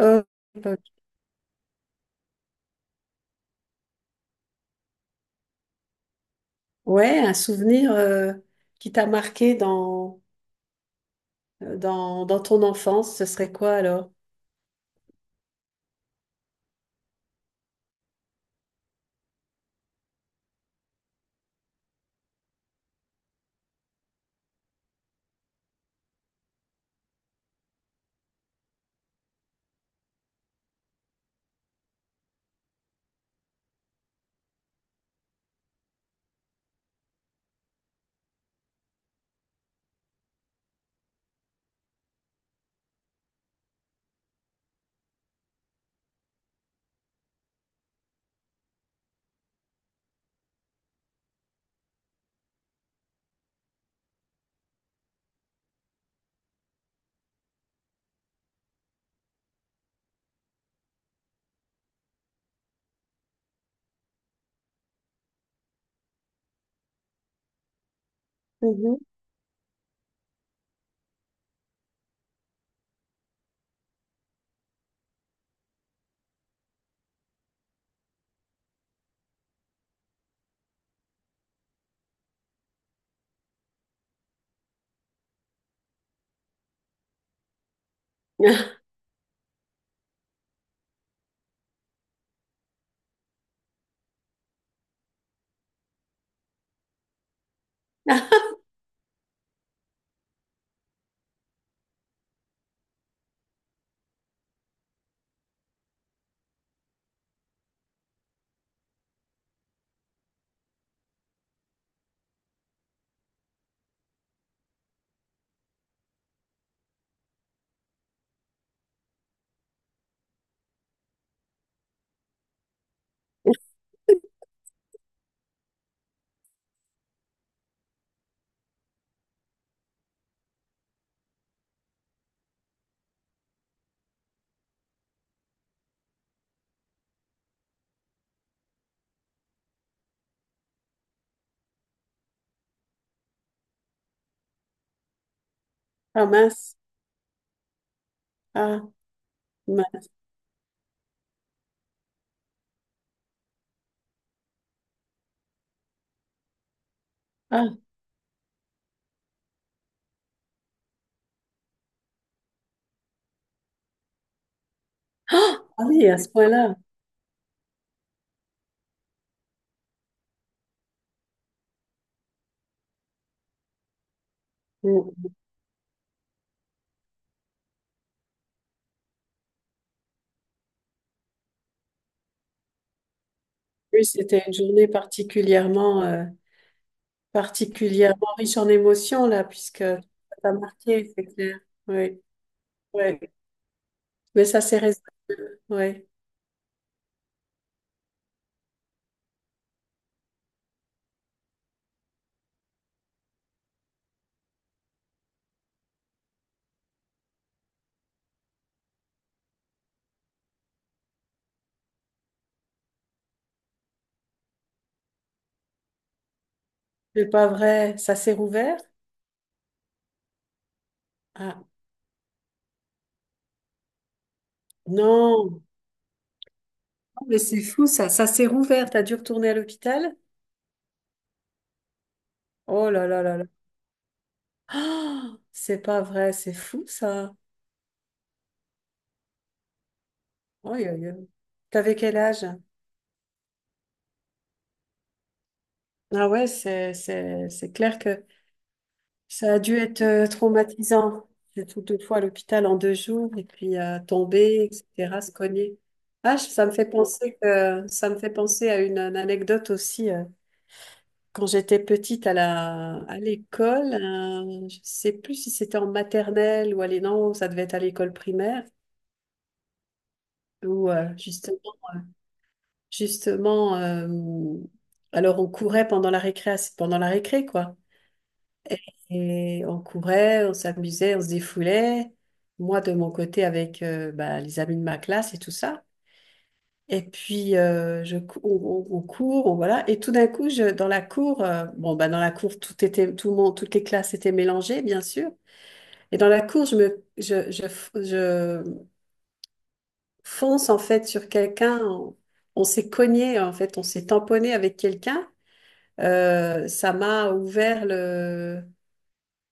Euh, euh, ouais, un souvenir qui t'a marqué dans ton enfance, ce serait quoi alors? Mhm. Ah mince. Ah, mince. Ah. Ah oui, à ce point-là. Mm. Oui, c'était une journée particulièrement, particulièrement riche en émotions, là, puisque ça t'a marqué, c'est clair. Oui, oui. Mais ça s'est résolu. Oui. C'est pas vrai. Ça s'est rouvert? Ah non. Oh, mais c'est fou ça, ça s'est rouvert, t'as dû retourner à l'hôpital? Oh là là là là. Ah, c'est pas vrai, c'est fou ça. Oh, t'avais quel âge? Ah ouais, c'est clair que ça a dû être traumatisant. J'étais deux fois à l'hôpital en deux jours et puis tomber, etc., se cogner. Ah, ça me fait penser que ça me fait penser à une anecdote aussi. Quand j'étais petite à à l'école, je sais plus si c'était en maternelle ou à non, ça devait être à l'école primaire, où justement, justement alors on courait pendant la récréation, pendant la récré, quoi. Et on courait, on s'amusait, on se défoulait. Moi, de mon côté, avec les amis de ma classe et tout ça. Et puis, je, cou- on court, voilà. Et tout d'un coup, dans la cour, dans la cour, tout le monde, toutes les classes étaient mélangées, bien sûr. Et dans la cour, je me, je fonce en fait sur quelqu'un. On s'est cogné en fait, on s'est tamponné avec quelqu'un. Ça m'a ouvert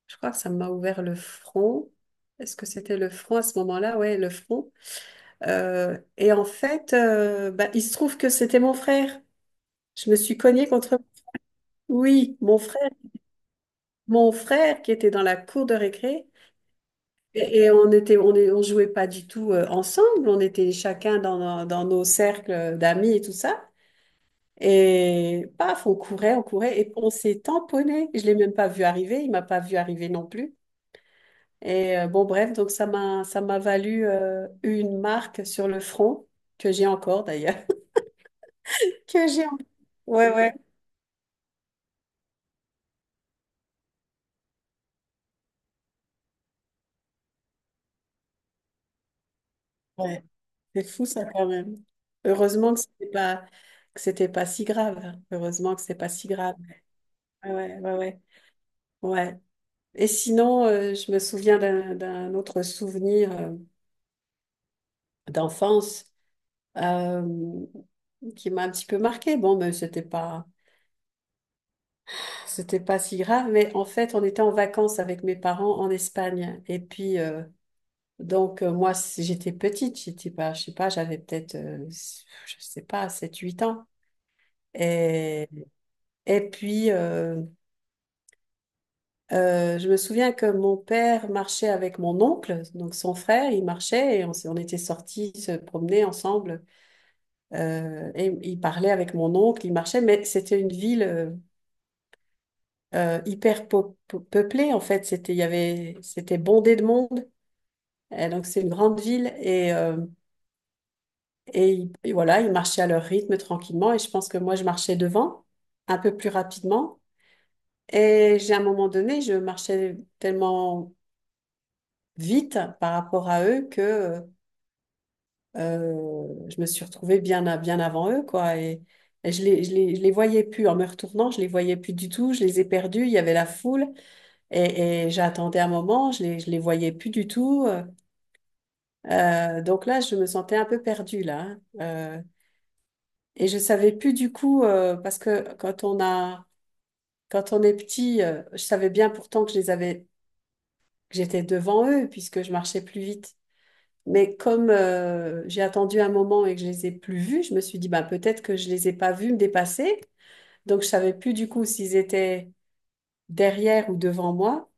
je crois que ça m'a ouvert le front. Est-ce que c'était le front à ce moment-là? Ouais, le front. Et en fait, il se trouve que c'était mon frère. Je me suis cognée contre, oui, mon frère qui était dans la cour de récré. Et on était, on jouait pas du tout ensemble, on était chacun nos dans nos cercles d'amis et tout ça. Et paf, on courait et on s'est tamponné. Je l'ai même pas vu arriver, il m'a pas vu arriver non plus. Et bref, donc ça m'a valu une marque sur le front que j'ai encore d'ailleurs. Que j'ai. Ouais, ouais, ouais. C'est fou ça quand même. Heureusement que c'était pas si grave. Heureusement que c'est pas si grave. Ouais, ouais, ouais, ouais. Ouais. Et sinon, je me souviens d'un autre souvenir d'enfance euh, qui m'a un petit peu marqué. Bon, c'était pas si grave. Mais en fait, on était en vacances avec mes parents en Espagne. Et puis, moi, j'étais petite. J'étais pas, je sais pas, j'avais peut-être, je sais pas, sept, huit ans. Et, et puis, je me souviens que mon père marchait avec mon oncle, donc son frère, il marchait et on était sortis se promener ensemble. Et il parlait avec mon oncle, il marchait, mais c'était une ville hyper peuplée en fait. Il y avait, c'était bondé de monde. Et donc c'est une grande ville et, et voilà, ils marchaient à leur rythme tranquillement et je pense que moi je marchais devant, un peu plus rapidement. Et j'ai à un moment donné, je marchais tellement vite par rapport à eux que je me suis retrouvée bien avant eux, quoi. Et je les voyais plus. En me retournant, je les voyais plus du tout. Je les ai perdus. Il y avait la foule. Et j'attendais un moment. Je les voyais plus du tout. Donc là, je me sentais un peu perdue, là, hein. Et je savais plus du coup, parce que quand on a, quand on est petit, je savais bien pourtant que que j'étais devant eux, puisque je marchais plus vite. Mais comme j'ai attendu un moment et que je les ai plus vus, je me suis dit, bah, peut-être que je les ai pas vus me dépasser. Donc, je savais plus du coup s'ils étaient derrière ou devant moi.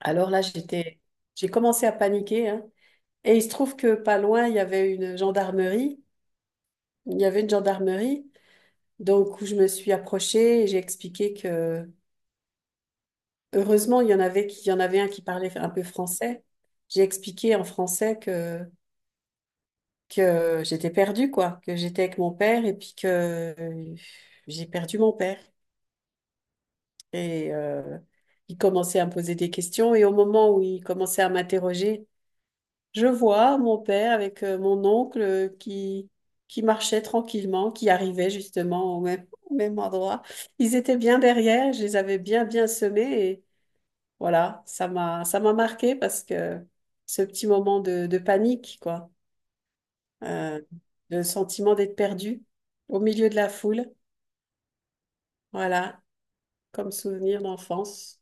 Alors là, j'ai commencé à paniquer, hein. Et il se trouve que pas loin, il y avait une gendarmerie. Il y avait une gendarmerie. Donc, où je me suis approchée et j'ai expliqué que, heureusement, il y en avait un qui parlait un peu français. J'ai expliqué en français que j'étais perdue, quoi, que j'étais avec mon père et puis que euh, j'ai perdu mon père. Et il commençait à me poser des questions et au moment où il commençait à m'interroger, je vois mon père avec mon oncle qui marchait tranquillement, qui arrivait justement au même, au même endroit. Ils étaient bien derrière, je les avais bien, bien semés et voilà, ça m'a marqué parce que ce petit moment de panique, quoi. euh, le sentiment d'être perdu au milieu de la foule. Voilà, comme souvenir d'enfance.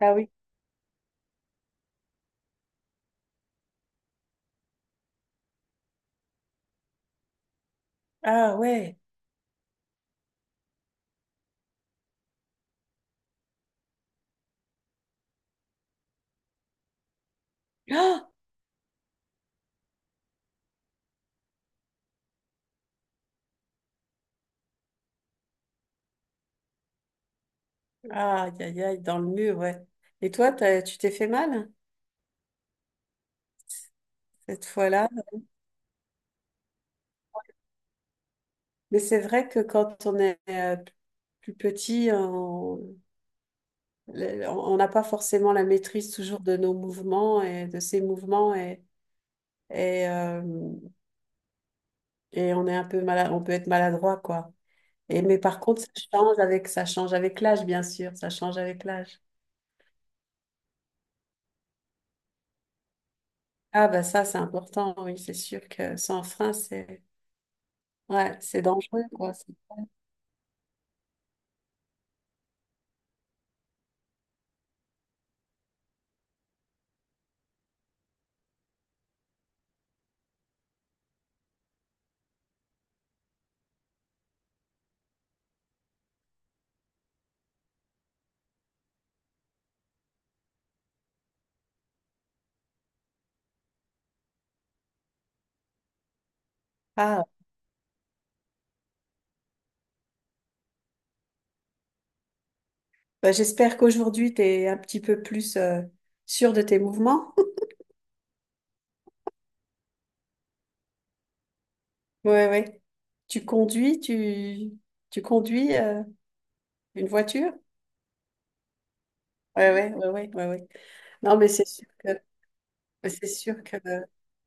Ah oui. Ah ouais. Ah, aïe, aïe, aïe, dans le mur, ouais. Et toi, tu t'es fait mal cette fois-là. Mais c'est vrai que quand on est plus petit, on n'a pas forcément la maîtrise toujours de nos mouvements et de ses mouvements et, euh, et on est un peu malade, on peut être maladroit, quoi. Et, mais par contre, ça change avec l'âge, bien sûr, ça change avec l'âge. Ah bah ça, c'est important, oui, c'est sûr que sans frein, c'est ouais, c'est dangereux, quoi. Ah, bah, j'espère qu'aujourd'hui, tu es un petit peu plus sûr de tes mouvements. Ouais, ouais. Tu conduis, tu, tu conduis une voiture? Ouais, ouais, ouais, ouais, ouais, ouais. Non, mais c'est sûr que, mais c'est sûr que,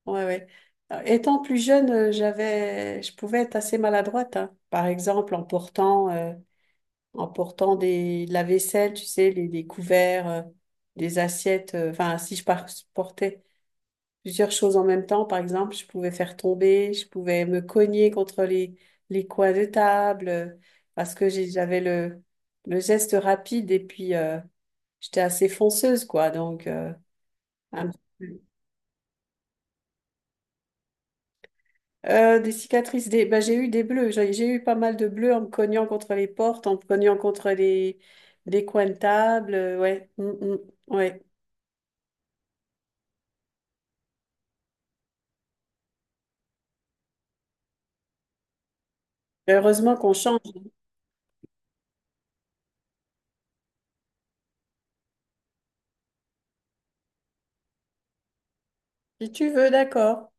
ouais, ouais. Étant plus jeune, je pouvais être assez maladroite, hein. Par exemple, en portant de la vaisselle, tu sais, les couverts, des assiettes, enfin, si portais plusieurs choses en même temps, par exemple, je pouvais faire tomber, je pouvais me cogner contre les coins de table, parce que j'avais le geste rapide et puis j'étais assez fonceuse, quoi. Donc, un petit peu. Des cicatrices, des... bah, j'ai eu des bleus, j'ai eu pas mal de bleus en me cognant contre les portes, en me cognant contre les coins de table, ouais, mm, mm, ouais. Heureusement qu'on change. Si tu veux, d'accord.